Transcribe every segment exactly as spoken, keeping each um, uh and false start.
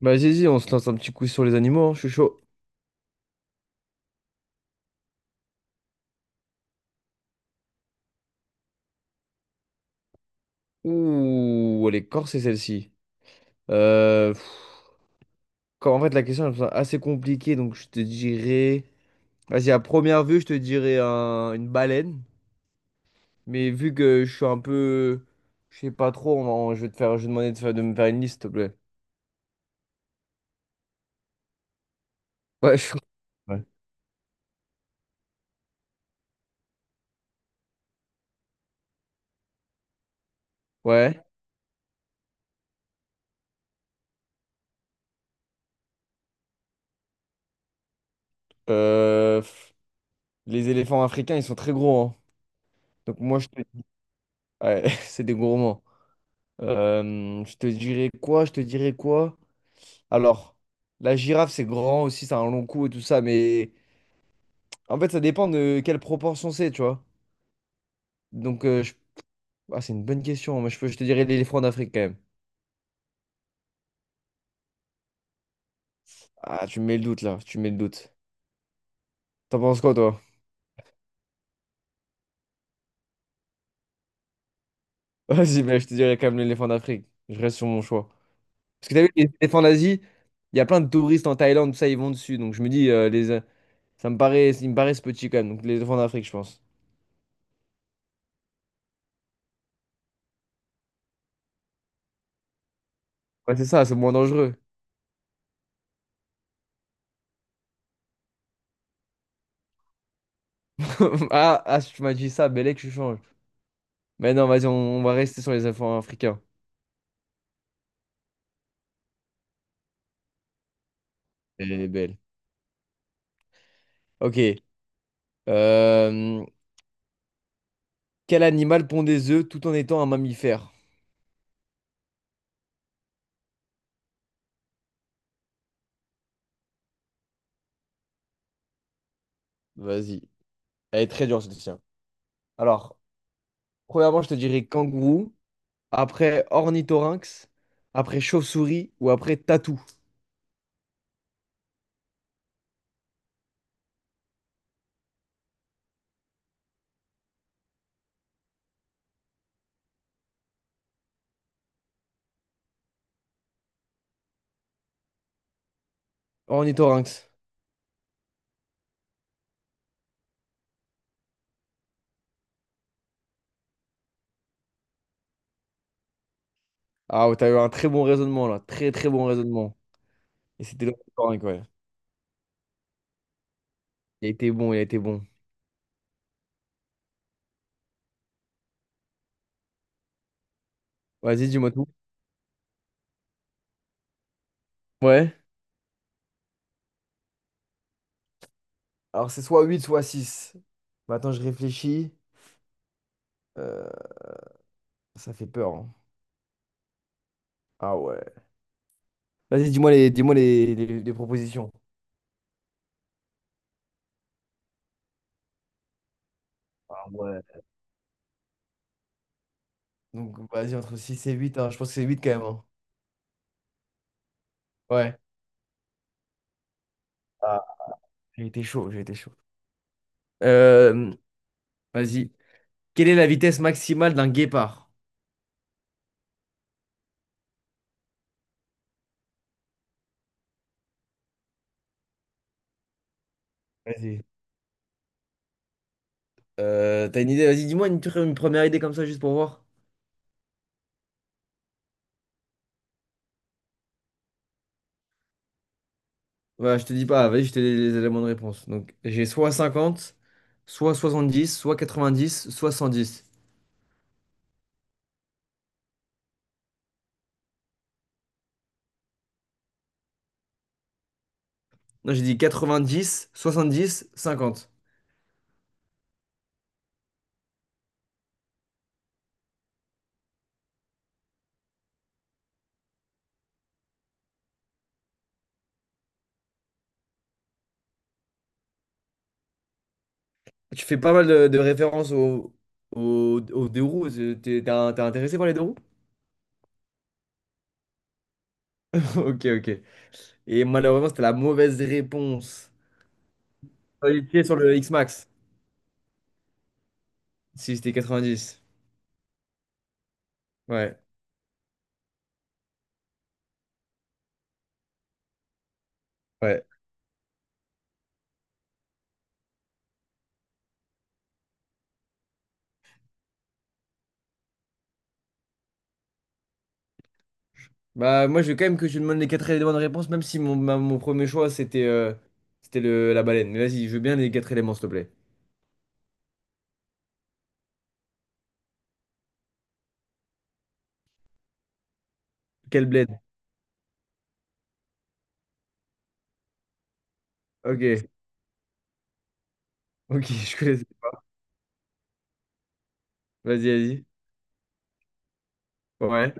Bah, vas-y, vas-y, on se lance un petit coup sur les animaux, hein, Je suis chaud. Ouh, elle est corsée celle-ci. Euh, pff, quand- en fait, la question elle me semble assez compliquée, donc je te dirais. Vas-y, à première vue, je te dirais un- une baleine. Mais vu que je suis un peu. Je sais pas trop, on va- je vais te faire... je vais demander de, faire- de me faire une liste, s'il te plaît. Ouais, je- Ouais. Ouais. Euh, pff, les éléphants africains, ils sont très gros, hein. Donc moi, je te... Ouais, c'est des gourmands. Euh, je te dirais quoi? Je te dirais quoi? Alors, la girafe, c'est grand aussi, ça a un long cou et tout ça, mais en fait, ça dépend de quelle proportion c'est, tu vois. Donc, euh, je- ah, c'est une bonne question. Moi, je, peux- je te dirais l'éléphant d'Afrique quand même. Ah, tu me mets le doute là, tu me mets le doute. T'en penses quoi, toi? Vas-y, mais je te dirais quand même l'éléphant d'Afrique. Je reste sur mon choix. Parce que t'as vu, les éléphants d'Asie, il y a plein de touristes en Thaïlande, tout ça, ils vont dessus. Donc, je me dis, euh, les... euh, ça me paraît, ils me paraissent petits quand même. Donc, les éléphants d'Afrique, je pense. Ouais, c'est ça, c'est moins dangereux. Ah, ah, si tu m'as dit ça, Bellec, je change. Mais non, vas-y, on, on va rester sur les éléphants africains. Elle est belle. Ok. Euh, quel animal pond des œufs tout en étant un mammifère? Vas-y. Elle est très dure, celle-ci, hein. Alors, premièrement, je te dirais kangourou, après ornithorynx, après chauve-souris ou après tatou. Ornithorynx. Ah, ouais, t'as eu un très bon raisonnement là. Très, très bon raisonnement. Et c'était l'ornithorynx, ouais. Il a été bon, il a été bon. Vas-y, dis-moi tout. Ouais. Alors, c'est soit huit, soit six. Maintenant, je réfléchis. Euh, ça fait peur, hein. Ah ouais. Vas-y, dis-moi les, dis-moi les les- les propositions. Ah ouais. Donc, vas-y, entre six et huit, hein. Je pense que c'est huit quand même, hein. Ouais. Ah, j'ai été chaud, j'ai été chaud. Euh, vas-y. Quelle est la vitesse maximale d'un guépard? Vas-y. Euh, t'as une idée? Vas-y, dis-moi une, tr- une première idée comme ça, juste pour voir. Bah, je te dis pas, vas-y, je te donne les éléments de réponse. Donc, j'ai soit cinquante soit soixante-dix soit quatre-vingt-dix soit cent dix. Non, j'ai dit quatre-vingt-dix soixante-dix cinquante. Tu fais pas mal de, de références aux, aux, aux deux roues. euh, T'es t'es un- t'es intéressé par les deux roues? Ok, ok. Et malheureusement, c'était la mauvaise réponse. J'aurais été sur le X-Max, si c'était quatre-vingt-dix. Ouais, ouais. Bah, moi, je veux quand même que tu me donnes les quatre éléments de réponse, même si mon, ma- mon premier choix, c'était euh, c'était le, la baleine. Mais vas-y, je veux bien les quatre éléments, s'il te plaît. Quel bled? Ok, ok, je connaissais pas. Vas-y, vas-y. Ouais.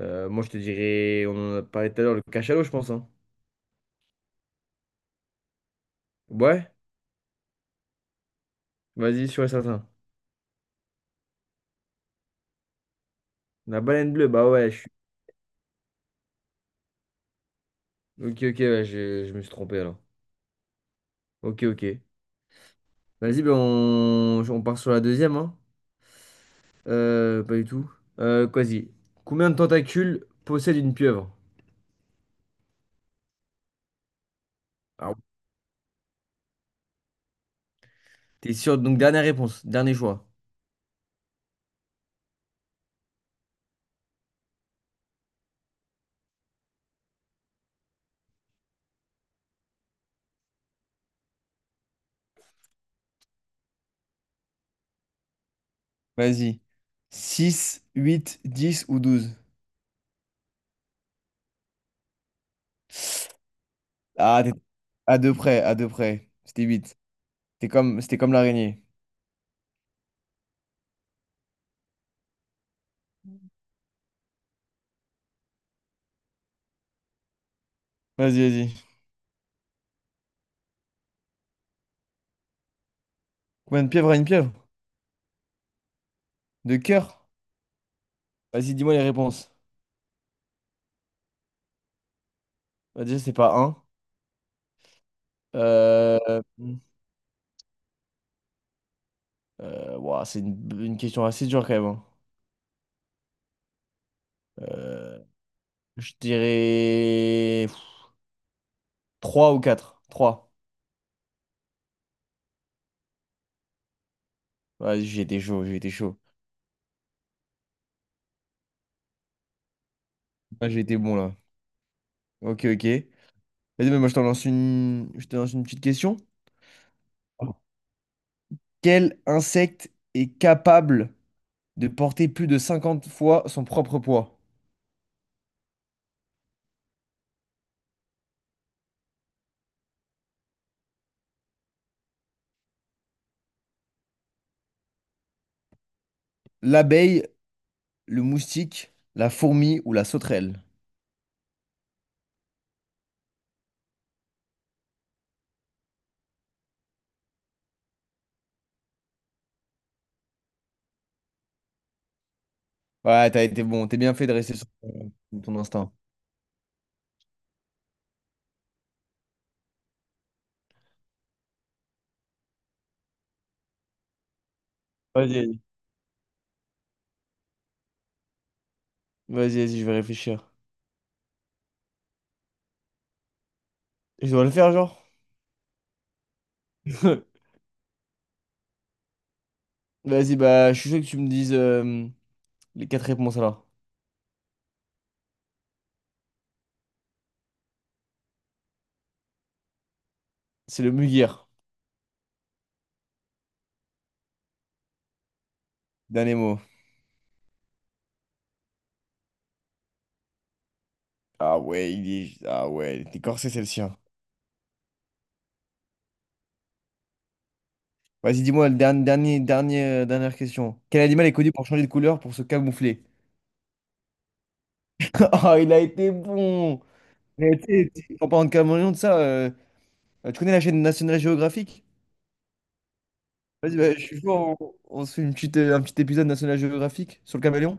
Euh, moi, je te dirais, on en a parlé tout à l'heure, le cachalot, je pense, hein. Ouais, vas-y, sur et certain. La baleine bleue, bah ouais, je suis... Ok, ok, ouais, je, je me suis trompé alors. Ok, ok. Vas-y, ben on... on part sur la deuxième, hein. Euh, pas du tout. Euh, quasi. Combien de tentacules possède une pieuvre? Alors, t'es sûr? Donc, dernière réponse, dernier choix. Vas-y. Six, huit, dix ou douze. Ah, t'es- à deux près, à deux près. C'était huit. C'était comme, c'était comme l'araignée. Vas-y, vas-y. Combien de pieuvres a une pieuvre? De cœur? Vas-y, dis-moi les réponses. Bah, déjà, c'est pas un. Euh... euh, ouah, c'est une, une question assez dure quand même, hein. Euh, Je dirais trois ou quatre, trois. Vas-y, j'ai été chaud, j'ai été chaud. Ah, j'ai été bon là. Ok, ok. Vas-y, mais moi je t'en lance une... je te lance une petite question. Quel insecte est capable de porter plus de cinquante fois son propre poids? L'abeille, le moustique, la fourmi ou la sauterelle? Ouais, t'as été bon. T'es bien fait de rester sur ton, ton instinct. Vas-y, vas-y. Vas-y, vas-y, je vais réfléchir. Je dois le faire, genre? Vas-y, bah, je suis sûr que tu me dises euh, les quatre réponses alors. C'est le Mugir. Dernier mot. Ah ouais, il est... Ah ouais, t'es est corsé, c'est le sien. Vas-y, dis-moi, le dernier, dernier, dernier, euh, dernière question. Quel animal est connu pour changer de couleur pour se camoufler? Ah, il a été bon! Il a été... En parlant de caméléon, de ça, euh, tu connais la chaîne National Geographic? Vas-y, bah, je suis chaud, on, on se fait une petite, euh, un petit épisode National Geographic sur le caméléon.